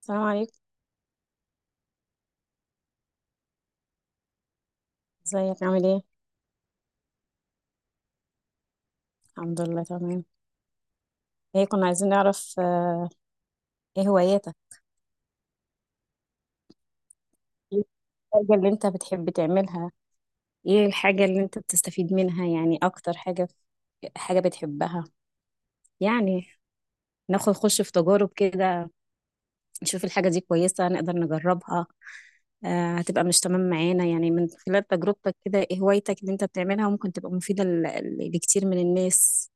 السلام عليكم. ازيك؟ عامل ايه؟ الحمد لله، تمام. كنا عايزين نعرف، ايه هواياتك؟ ايه الحاجة اللي انت بتحب تعملها؟ ايه الحاجة اللي انت بتستفيد منها يعني، اكتر حاجة حاجة بتحبها؟ يعني ناخد خش في تجارب كده، نشوف الحاجة دي كويسة نقدر نجربها. آه، هتبقى مش تمام معانا يعني. من خلال تجربتك كده، ايه هوايتك اللي انت بتعملها ممكن تبقى مفيدة لكتير من الناس،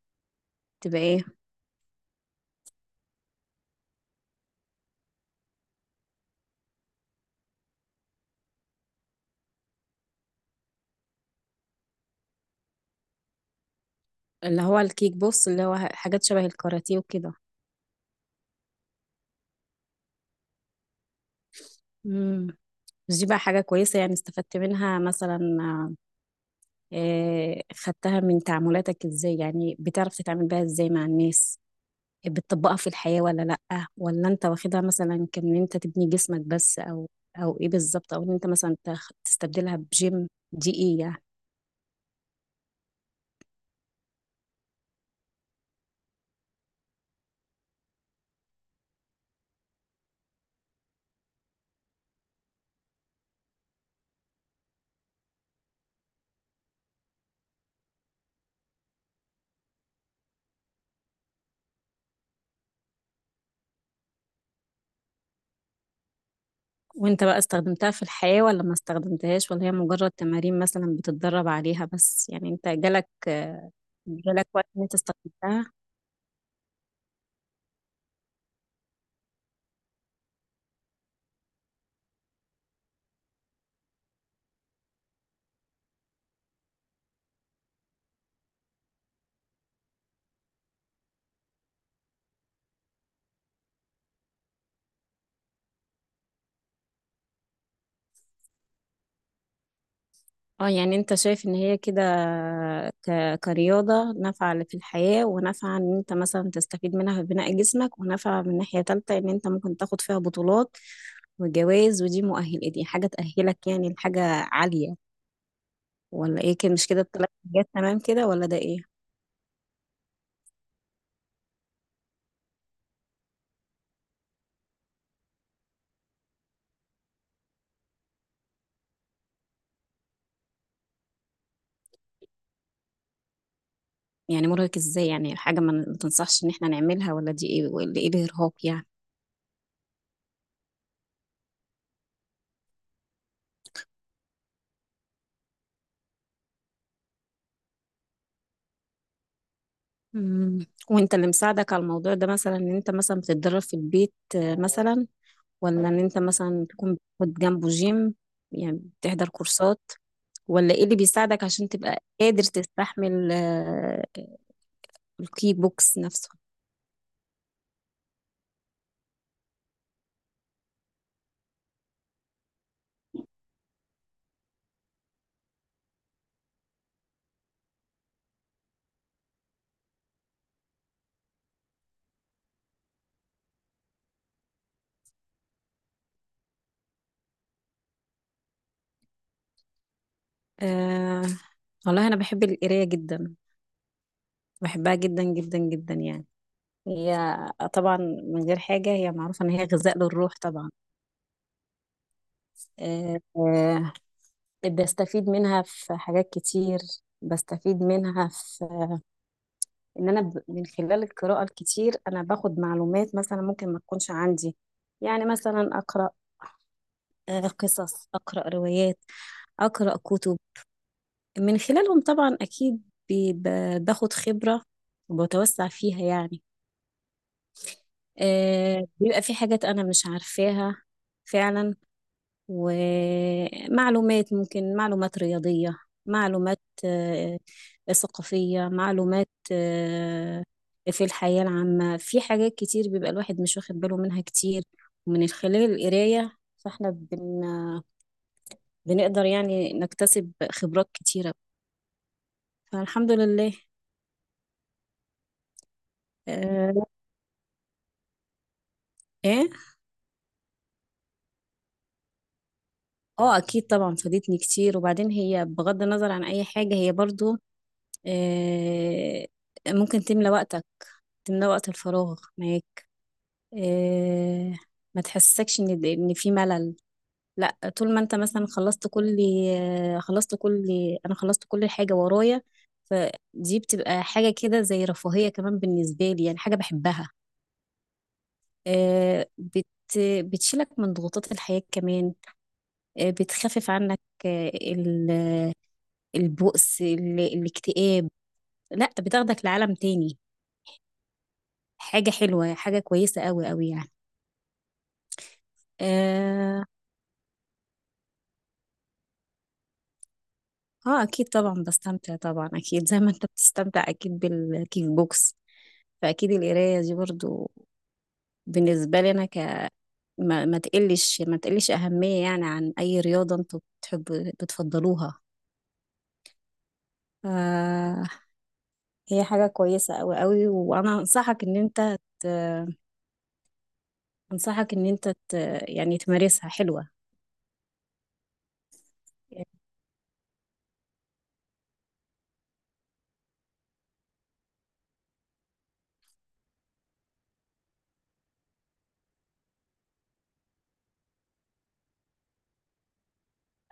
تبقى ايه؟ اللي هو الكيك بوكس اللي هو حاجات شبه الكاراتيه وكده. مم. بس دي بقى حاجة كويسة، يعني استفدت منها مثلا؟ آه، خدتها من تعاملاتك ازاي، يعني بتعرف تتعامل بيها ازاي مع الناس؟ بتطبقها في الحياة ولا لأ؟ ولا انت واخدها مثلا كان انت تبني جسمك بس، او ايه بالظبط؟ او ان انت مثلا تستبدلها بجيم، دي ايه يعني؟ وانت بقى استخدمتها في الحياة ولا ما استخدمتهاش؟ ولا هي مجرد تمارين مثلا بتتدرب عليها بس؟ يعني انت جالك وقت ان انت استخدمتها؟ اه، يعني انت شايف ان هي كده، ك... كرياضة نافعة في الحياة، ونافعة ان انت مثلا تستفيد منها في بناء جسمك، ونافعة من ناحية تالتة ان انت ممكن تاخد فيها بطولات وجوائز، ودي مؤهل، دي حاجة تأهلك يعني لحاجة عالية، ولا ايه؟ كده مش كده؟ التلات حاجات تمام كده ولا ده ايه؟ يعني مرهق ازاي؟ يعني حاجة ما تنصحش ان احنا نعملها، ولا دي ايه ولا ايه الارهاق يعني؟ مم. وانت اللي مساعدك على الموضوع ده مثلا، ان انت مثلا بتتدرب في البيت، مثلا؟ ولا ان انت مثلا تكون بتاخد جنبه جيم، يعني بتحضر كورسات؟ ولا ايه اللي بيساعدك عشان تبقى قادر تستحمل، الكيك بوكس نفسه؟ أه والله انا بحب القرايه جدا، بحبها جدا جدا جدا يعني. هي طبعا من غير حاجه هي معروفه ان هي غذاء للروح طبعا. أه آه، بستفيد منها في حاجات كتير. بستفيد منها في ان انا، من خلال القراءة الكتير انا باخد معلومات مثلا ممكن ما تكونش عندي. يعني مثلا اقرأ، قصص، اقرأ روايات، اقرأ كتب. من خلالهم طبعا اكيد باخد خبرة وبتوسع فيها يعني. آه، بيبقى في حاجات انا مش عارفاها فعلا. ومعلومات، ممكن معلومات رياضية، معلومات ثقافية، معلومات في الحياة العامة، في حاجات كتير بيبقى الواحد مش واخد باله منها كتير. ومن خلال القراية فاحنا بنقدر يعني نكتسب خبرات كتيرة، فالحمد لله. آه. ايه. اه اكيد طبعا فادتني كتير. وبعدين هي بغض النظر عن اي حاجة، هي برضو آه، ممكن تملى وقتك، تملى وقت الفراغ. ما هي آه، ما تحسسكش ان في ملل. لا، طول ما انت مثلا خلصت كل آه، خلصت كل انا خلصت كل حاجه ورايا، فدي بتبقى حاجه كده زي رفاهيه كمان بالنسبه لي، يعني حاجه بحبها. آه، بت بتشيلك من ضغوطات الحياه كمان. آه، بتخفف عنك آه، ال- البؤس، الاكتئاب. لا، بتاخدك لعالم تاني. حاجه حلوه، حاجه كويسه قوي قوي يعني. آه. اه اكيد طبعا بستمتع طبعا، اكيد زي ما انت بتستمتع اكيد بالكيك بوكس، فاكيد القرايه دي برضو بالنسبه لي انا. ك ما, ما تقلش اهميه يعني عن اي رياضه انتوا بتحبوا بتفضلوها. آه، هي حاجه كويسه قوي قوي، وانا انصحك ان انت يعني تمارسها. حلوه.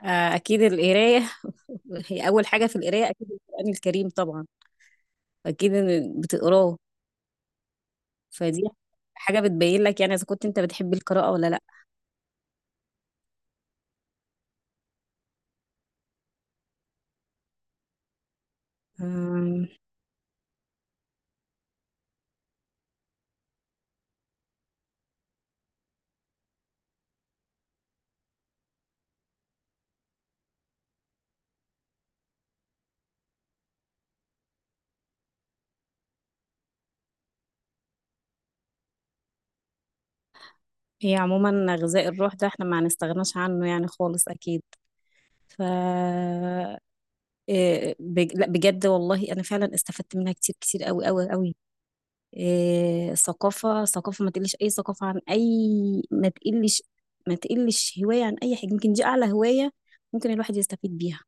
آه اكيد القرايه، هي اول حاجه في القرايه اكيد القران الكريم طبعا، اكيد إن بتقراه. فدي حاجة بتبين لك يعني إذا كنت أنت بتحب القراءة ولا لأ. أم، هي عموما غذاء الروح ده احنا ما هنستغناش عنه يعني خالص أكيد. ف لأ، بجد والله أنا فعلا استفدت منها كتير كتير أوي أوي أوي. ثقافة ثقافة، ما تقلش أي ثقافة عن أي، ما تقلش ما تقلش هواية عن أي حاجة، يمكن دي أعلى هواية ممكن الواحد يستفيد بيها.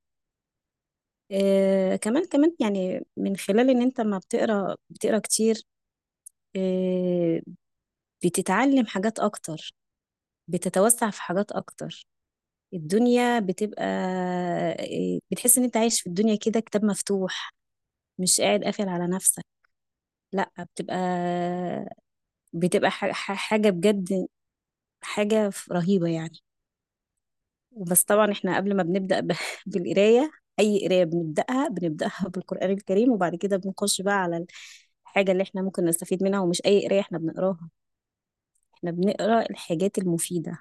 كمان كمان يعني، من خلال إن أنت ما بتقرأ بتقرأ كتير، آه، بتتعلم حاجات أكتر، بتتوسع في حاجات أكتر. الدنيا بتبقى، بتحس إن أنت عايش في الدنيا كده كتاب مفتوح، مش قاعد قافل على نفسك. لأ، بتبقى حاجة بجد، حاجة رهيبة يعني. بس طبعا احنا قبل ما بنبدأ، بالقراية، أي قراية بنبدأها بالقرآن الكريم، وبعد كده بنخش بقى على الحاجة اللي احنا ممكن نستفيد منها. ومش أي قراية احنا بنقراها، احنا بنقرا الحاجات المفيدة،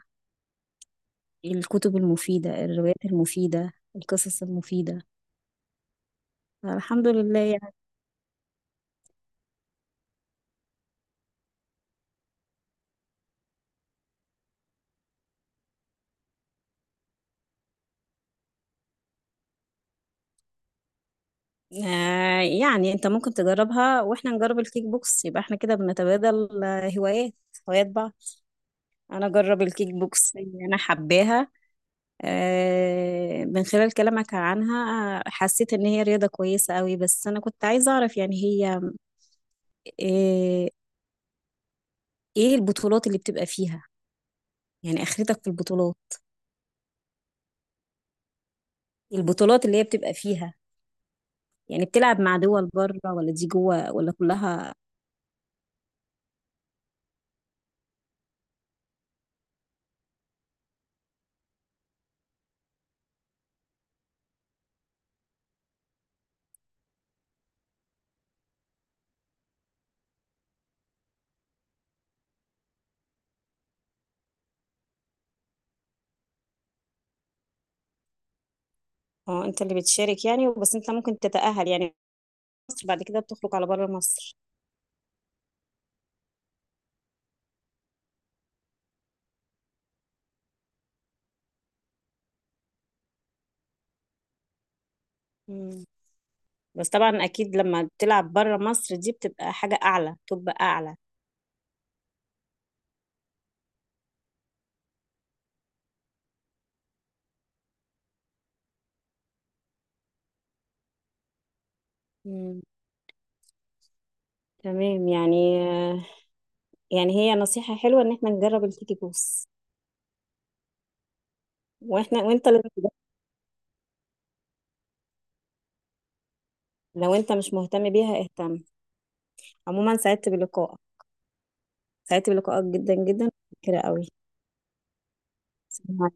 الكتب المفيدة، الروايات المفيدة، القصص المفيدة، الحمد لله يعني. يعني انت ممكن تجربها واحنا نجرب الكيك بوكس، يبقى احنا كده بنتبادل، هوايات بعض. انا اجرب الكيك بوكس اللي انا حباها. من خلال كلامك عنها حسيت ان هي رياضة كويسة قوي. بس انا كنت عايزة اعرف يعني، هي آه ايه البطولات اللي بتبقى فيها، يعني اخرتك في البطولات؟ البطولات اللي هي بتبقى فيها يعني، بتلعب مع دول بره ولا دي جوه ولا كلها؟ اه، انت اللي بتشارك يعني، بس انت ممكن تتأهل يعني مصر بعد كده بتخرج على بره مصر؟ مم. بس طبعا اكيد لما بتلعب بره مصر، دي بتبقى حاجة اعلى، تبقى اعلى. مم. تمام يعني. يعني هي نصيحة حلوة ان احنا نجرب الكيكي بوس، واحنا وانت لازم تجرب. لو انت مش مهتم بيها اهتم. عموما سعدت بلقائك، سعدت بلقائك جدا جدا كده قوي.